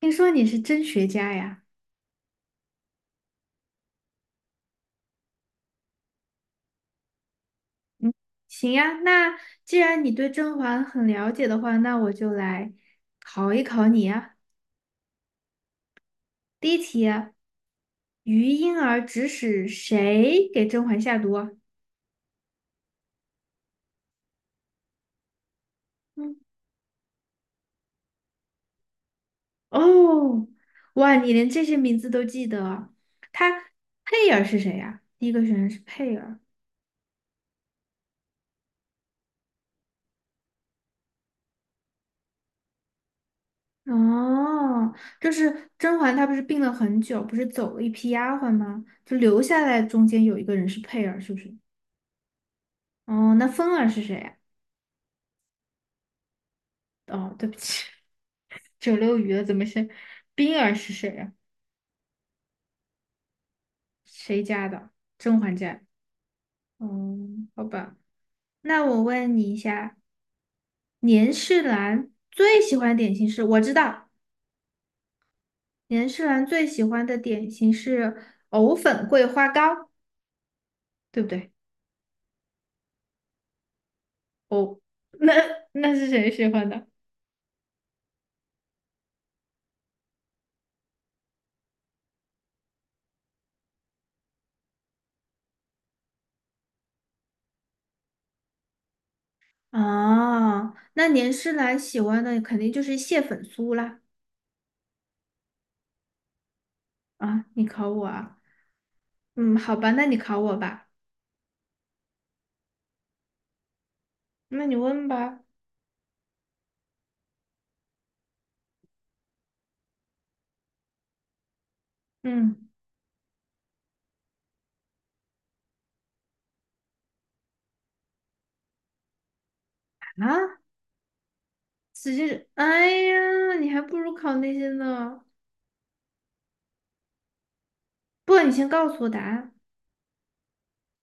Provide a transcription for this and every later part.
听说你是真学家呀？嗯，行呀，那既然你对甄嬛很了解的话，那我就来考一考你呀。第一题啊，于莺儿指使谁给甄嬛下毒啊嗯，哦，哇，你连这些名字都记得啊？她佩儿是谁呀？第一个选项是佩儿。哦，就是甄嬛，她不是病了很久，不是走了一批丫鬟吗？就留下来中间有一个人是佩儿，是不是？哦，那芬儿是谁呀？哦，对不起，九溜鱼的怎么是冰儿是谁呀、谁家的？甄嬛家。嗯，好吧。那我问你一下，年世兰最喜欢点心是？我知道，年世兰最喜欢的点心是藕粉桂花糕，对不对？哦，那是谁喜欢的？哦，那年世兰喜欢的肯定就是蟹粉酥啦。啊，你考我啊？嗯，好吧，那你考我吧，那你问吧。嗯啊，只是哎呀，你还不如考那些呢。不，你先告诉我答案。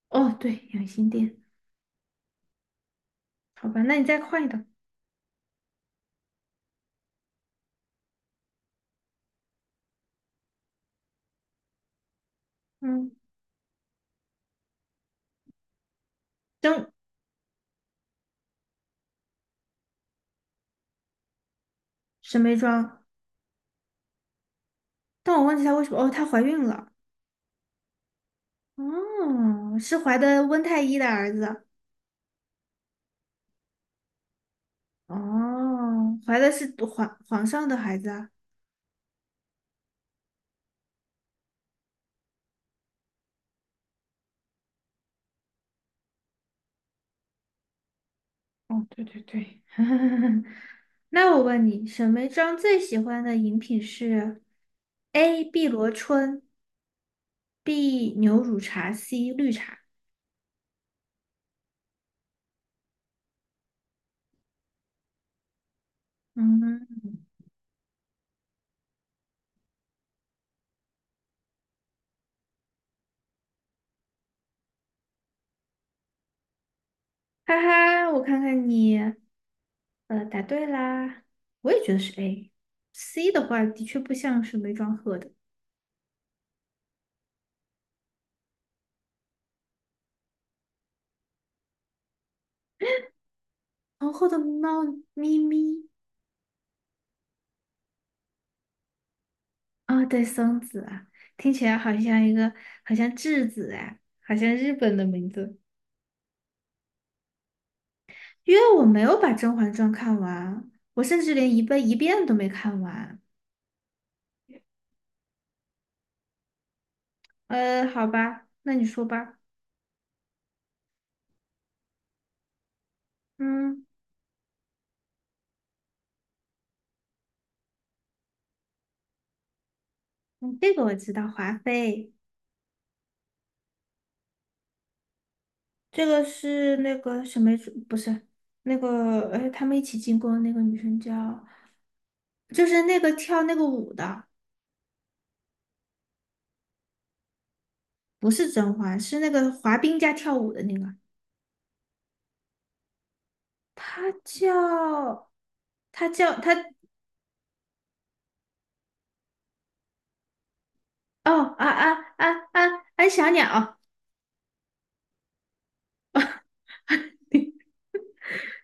哦，对，养心殿。好吧，那你再快一点。嗯，蒸沈眉庄，但我忘记她为什么。哦，她怀孕了。哦，是怀的温太医的儿子。哦，怀的是皇上的孩子啊。哦，对对对。那我问你，沈眉庄最喜欢的饮品是 A. 碧螺春 B 牛乳茶，C 绿茶。嗯，哈哈，我看看你，答对啦。我也觉得是 A。C 的话，的确不像是梅庄鹤的。皇后的猫咪咪啊，对，松子啊，听起来好像一个，好像质子哎，好像日本的名字。因为我没有把《甄嬛传》看完，我甚至连一遍都没看完。好吧，那你说吧。嗯，嗯，这个我知道，华妃。这个是那个什么主，不是那个，哎，他们一起进宫的那个女生叫，就是那个跳那个舞的，不是甄嬛，是那个滑冰加跳舞的那个，她叫，她叫她，哦啊啊啊啊啊，安小鸟，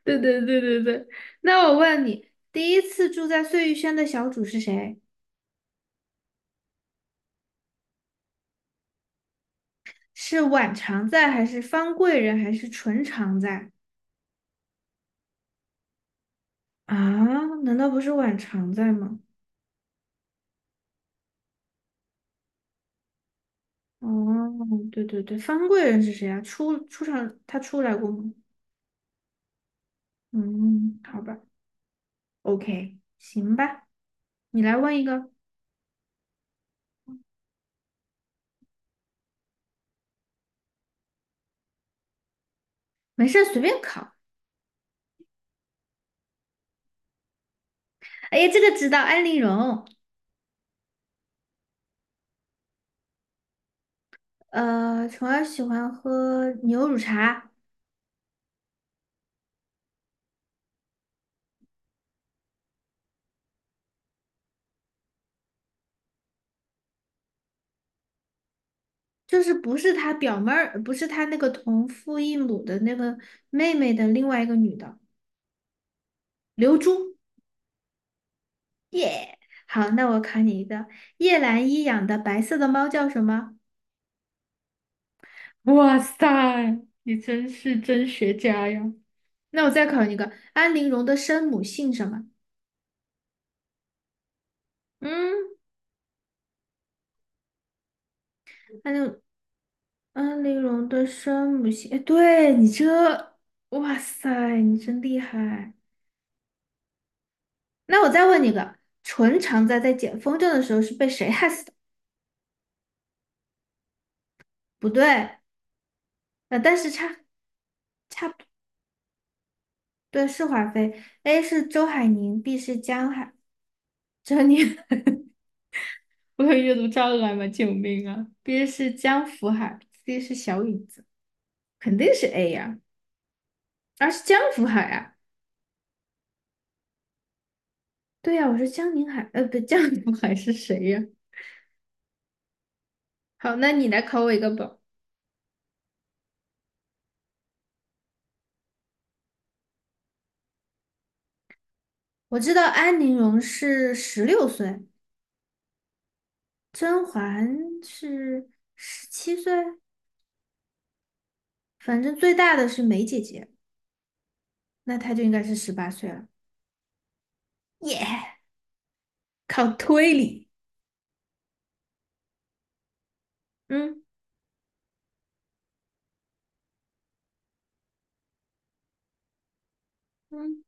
对对对对对。那我问你，第一次住在碎玉轩的小主是谁？是婉常在，还是方贵人，还是纯常在？啊，难道不是婉常在吗？哦，对对对，方贵人是谁啊？出场他出来过吗？嗯，好吧，OK，行吧，你来问一个，没事儿随便考。哎呀，这个知道，安陵容。虫儿喜欢喝牛乳茶，就是不是她表妹儿，不是她那个同父异母的那个妹妹的另外一个女的，刘珠。好，那我考你一个，叶澜依养的白色的猫叫什么？哇塞，你真是真学家呀！那我再考你一个，安陵容的生母姓什么？嗯，安陵安陵容的生母姓，哎，对你这，哇塞，你真厉害。那我再问你个，淳常在在捡风筝的时候是被谁害死的？不对，但是差差不多对是华妃，A 是周海宁，B 是江海珍妮。我有阅读障碍吗？救命啊！B 是江福海，C 是小椅子，肯定是 A 呀、啊，而是江福海啊。对呀、啊我说江宁海，呃，不，江福海是谁呀、啊好，那你来考我一个吧。我知道安陵容是16岁，甄嬛是17岁，反正最大的是梅姐姐，那她就应该是18岁了。耶、yeah 靠推理，嗯嗯，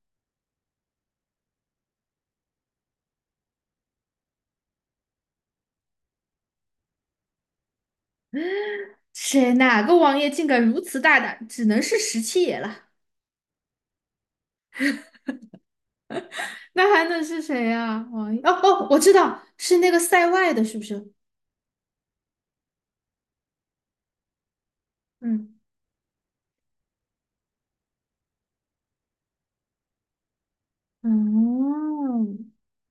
哪个王爷竟敢如此大胆，只能是十七爷了。那还能是谁呀、王一哦哦，我知道是那个塞外的，是不是？嗯，哦，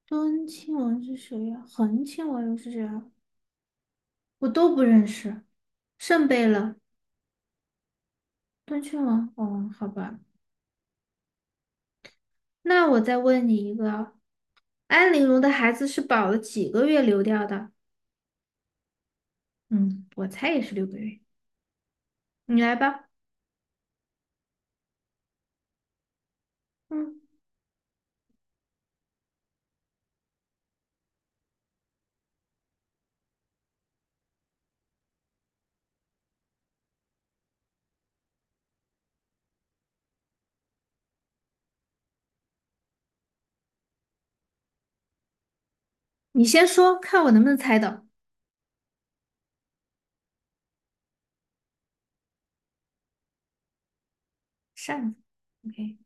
敦亲王是谁呀、恒亲王又是谁啊？我都不认识。圣贝勒、敦亲王，哦，好吧。那我再问你一个，安陵容的孩子是保了几个月流掉的？嗯，我猜也是6个月。你来吧，嗯，你先说，看我能不能猜到。扇子，OK，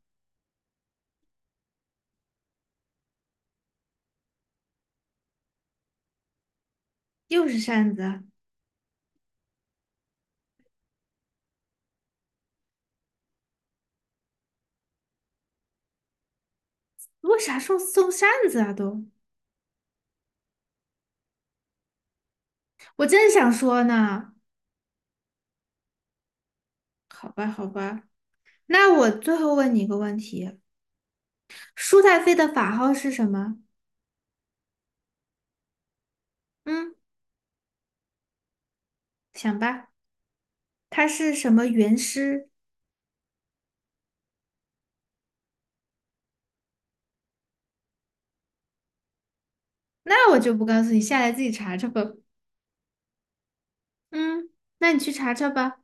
又是扇子啊！为啥送扇子啊都？我正想说呢，好吧，好吧，那我最后问你一个问题：舒太妃的法号是什么？嗯，想吧，她是什么元师？那我就不告诉你，下来自己查查吧。嗯，那你去查查吧。